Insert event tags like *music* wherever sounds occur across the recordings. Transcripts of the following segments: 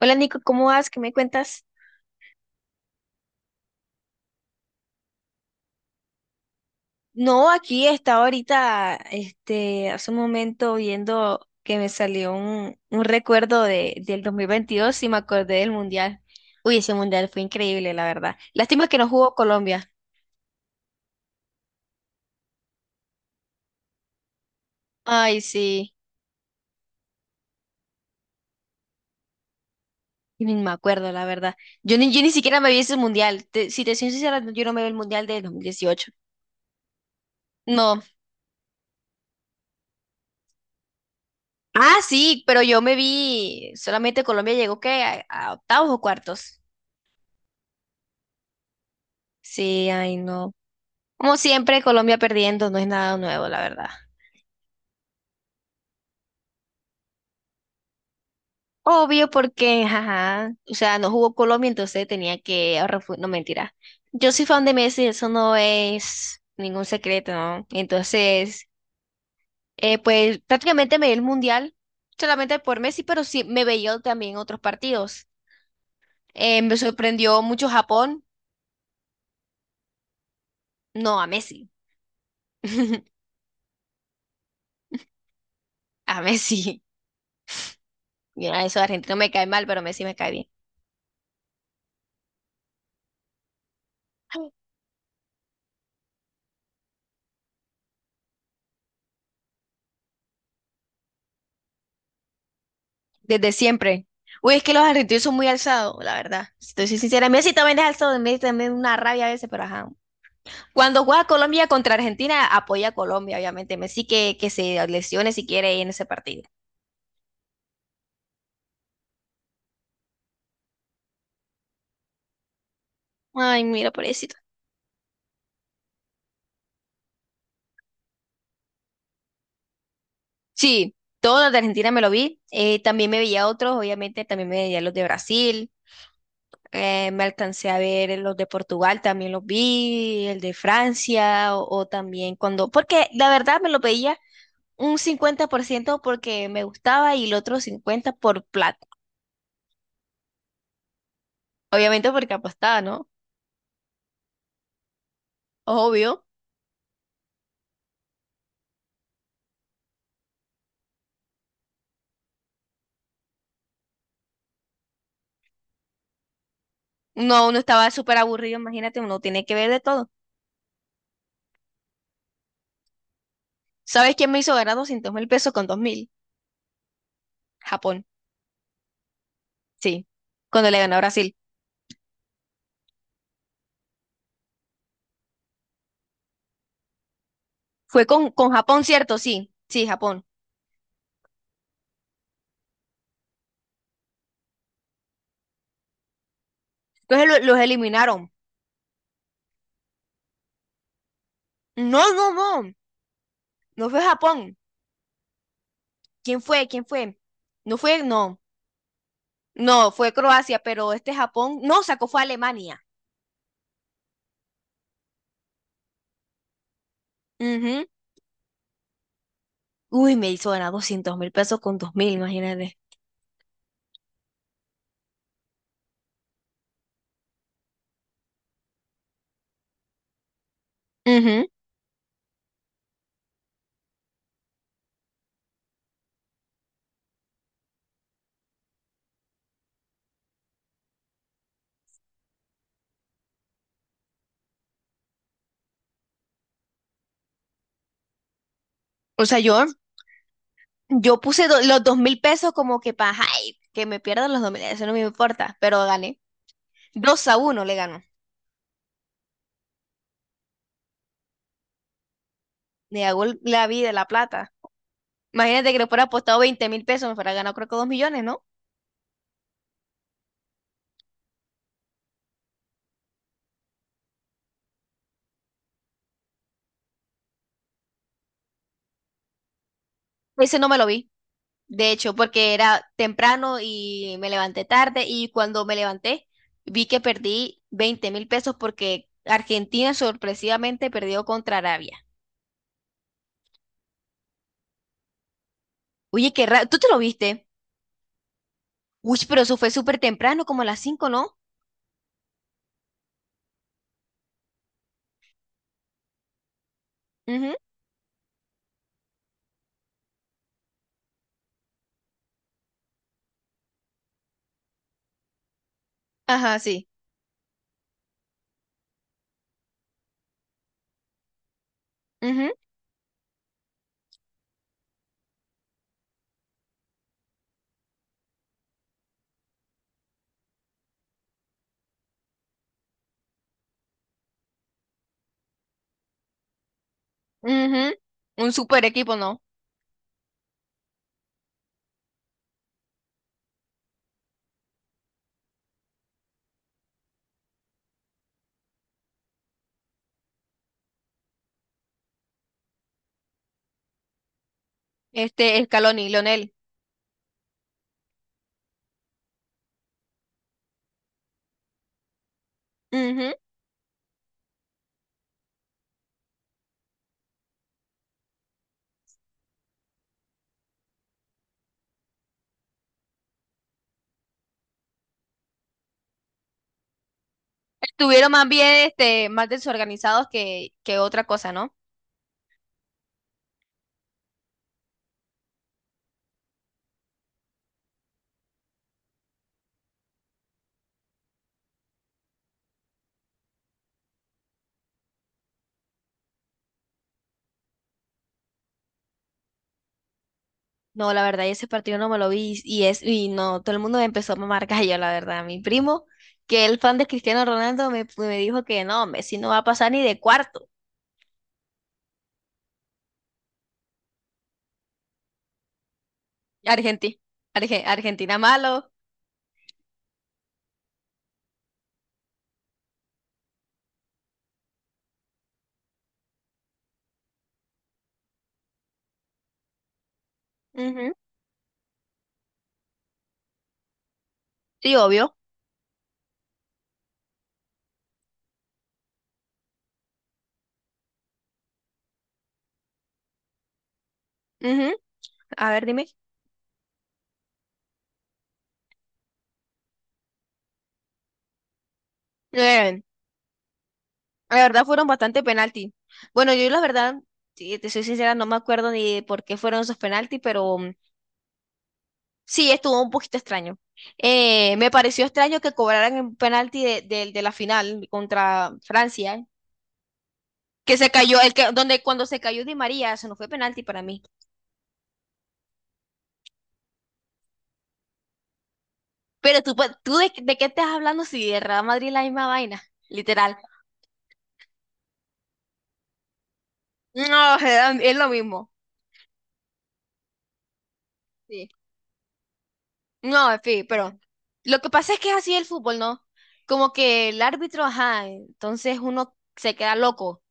Hola Nico, ¿cómo vas? ¿Qué me cuentas? No, aquí estaba ahorita, hace un momento viendo que me salió un recuerdo del 2022 y me acordé del Mundial. Uy, ese Mundial fue increíble, la verdad. Lástima que no jugó Colombia. Ay, sí, y ni me acuerdo, la verdad. Yo ni siquiera me vi ese Mundial. Si te soy sincera, no, yo no me vi el Mundial de 2018. No. Ah, sí, pero yo me vi, solamente Colombia llegó que a octavos o cuartos. Sí, ay, no. Como siempre, Colombia perdiendo no es nada nuevo, la verdad. Obvio porque, ajá, o sea, no jugó Colombia, entonces tenía que no, mentira. Yo soy fan de Messi, eso no es ningún secreto, ¿no? Entonces, pues prácticamente me di el mundial solamente por Messi, pero sí me veía también otros partidos. Me sorprendió mucho Japón, no a Messi. *laughs* A Messi. Mira, eso de Argentina me cae mal, pero Messi me cae bien. Desde siempre. Uy, es que los argentinos son muy alzados, la verdad. Si te soy sincera, Messi también es alzado, Messi también es una rabia a veces, pero ajá. Cuando juega Colombia contra Argentina, apoya a Colombia, obviamente. Messi que se lesione si quiere en ese partido. Ay, mira, pobrecito. Sí, todos los de Argentina me lo vi. También me veía otros, obviamente, también me veía los de Brasil. Me alcancé a ver los de Portugal, también los vi, el de Francia, o también cuando, porque la verdad me lo veía un 50% porque me gustaba y el otro 50 por plata. Obviamente porque apostaba, ¿no? Obvio. No, uno estaba súper aburrido, imagínate, uno tiene que ver de todo. ¿Sabes quién me hizo ganar 200.000 pesos con 2.000? Japón, sí. Cuando le ganó a Brasil. Fue con Japón, ¿cierto? Sí, sí, Japón. Entonces los eliminaron. No, no, no. No fue Japón. ¿Quién fue? ¿Quién fue? No fue, no. No, fue Croacia, pero este Japón, no, sacó fue a Alemania. Ujú. Uy, me hizo ganar 200 mil pesos con 2 mil, imagínate. Ujú. O sea, yo puse los 2.000 pesos como que para, ay, que me pierdan los 2.000, eso no me importa, pero gané. 2-1 le ganó. Le hago la vida, la plata. Imagínate que le fuera apostado 20.000 pesos, me fuera ganado creo que dos millones, ¿no? Ese no me lo vi, de hecho, porque era temprano y me levanté tarde y cuando me levanté vi que perdí 20.000 pesos porque Argentina sorpresivamente perdió contra Arabia. Oye, qué raro, ¿tú te lo viste? Uy, pero eso fue súper temprano, como a las cinco, ¿no? Ujú. Ajá, sí. Ujú, ujú. Un super equipo, ¿no? Este, Scaloni, Lionel. Ujú. Estuvieron más bien, este, más desorganizados que otra cosa, ¿no? No, la verdad, ese partido no me lo vi y no, todo el mundo me empezó a mamar gallo, la verdad. Mi primo, que el fan de Cristiano Ronaldo, me dijo que no, Messi no va a pasar ni de cuarto. Argentina. Argentina malo. Ujú. Sí, obvio. Ujú. A ver, dime. Eh, La verdad fueron bastante penalti. Bueno, yo la verdad, si te soy sincera, no me acuerdo ni de por qué fueron esos penaltis, pero sí, estuvo un poquito extraño. Me pareció extraño que cobraran un penalti de la final contra Francia, que se cayó, el que, donde cuando se cayó Di María, eso no fue penalti para mí. Pero tú, ¿tú de qué estás hablando si de Real Madrid es la misma vaina? Literal. No, *laughs* es lo mismo. Sí. No, en fin, pero lo que pasa es que es así el fútbol, ¿no? Como que el árbitro, ajá, entonces uno se queda loco.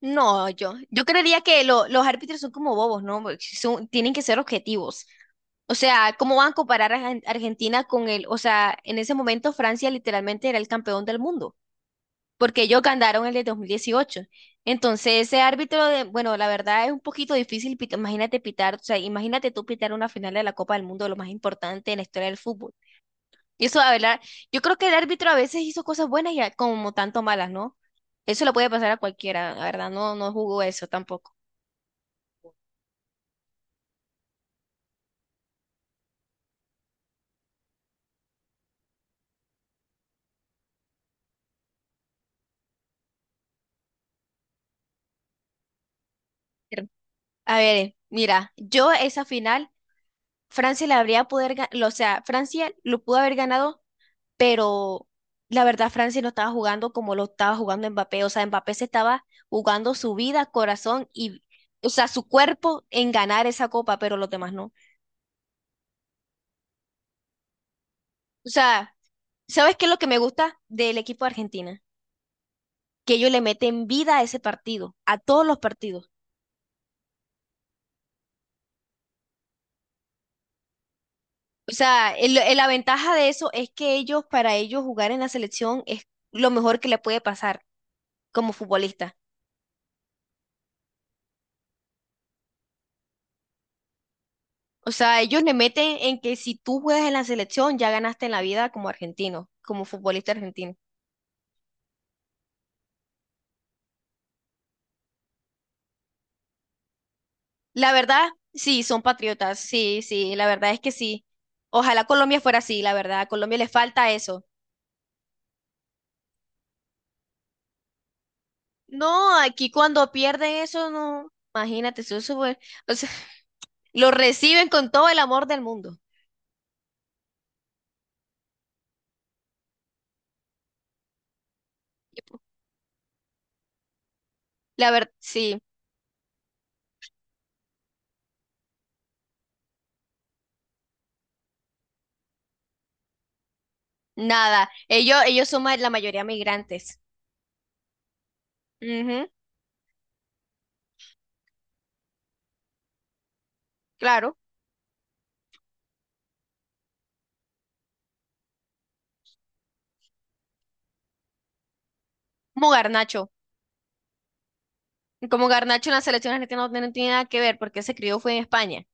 No, yo creería que los árbitros son como bobos, ¿no? Porque son- tienen que ser objetivos. O sea, ¿cómo van a comparar a Argentina con el, o sea, en ese momento Francia literalmente era el campeón del mundo, porque ellos ganaron el de 2018. Entonces, ese árbitro de, bueno, la verdad es un poquito difícil, imagínate pitar, o sea, imagínate tú pitar una final de la Copa del Mundo, lo más importante en la historia del fútbol. Y eso, Abelar, yo creo que el árbitro a veces hizo cosas buenas y como tanto malas, ¿no? Eso le puede pasar a cualquiera, la verdad, no, no jugó eso tampoco. Cierto. A ver, mira, yo esa final, Francia la habría poder, o sea, Francia lo pudo haber ganado, pero la verdad Francia no estaba jugando como lo estaba jugando Mbappé, o sea, Mbappé se estaba jugando su vida, corazón y, o sea, su cuerpo en ganar esa copa, pero los demás no. O sea, ¿sabes qué es lo que me gusta del equipo de Argentina? Que ellos le meten vida a ese partido, a todos los partidos. O sea, la ventaja de eso es que ellos, para ellos jugar en la selección es lo mejor que le puede pasar como futbolista. O sea, ellos le meten en que si tú juegas en la selección, ya ganaste en la vida como argentino, como futbolista argentino. La verdad, sí, son patriotas, sí, sí, la verdad es que sí. Ojalá Colombia fuera así, la verdad, a Colombia le falta eso. No, aquí cuando pierden eso, no, imagínate, eso fue- o sea, lo reciben con todo el amor del mundo. La verdad, sí, nada. Ellos son la mayoría migrantes. Ujú, claro, como Garnacho. Como Garnacho en la selección argentina no, no tiene nada que ver porque se crió fue en España.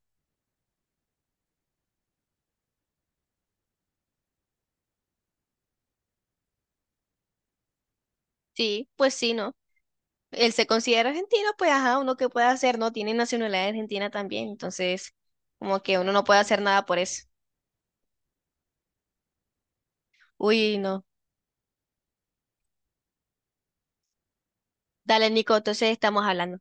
Sí, pues sí, ¿no? Él se considera argentino, pues ajá, uno que puede hacer, ¿no? Tiene nacionalidad argentina también, entonces como que uno no puede hacer nada por eso. Uy, no. Dale, Nico, entonces estamos hablando.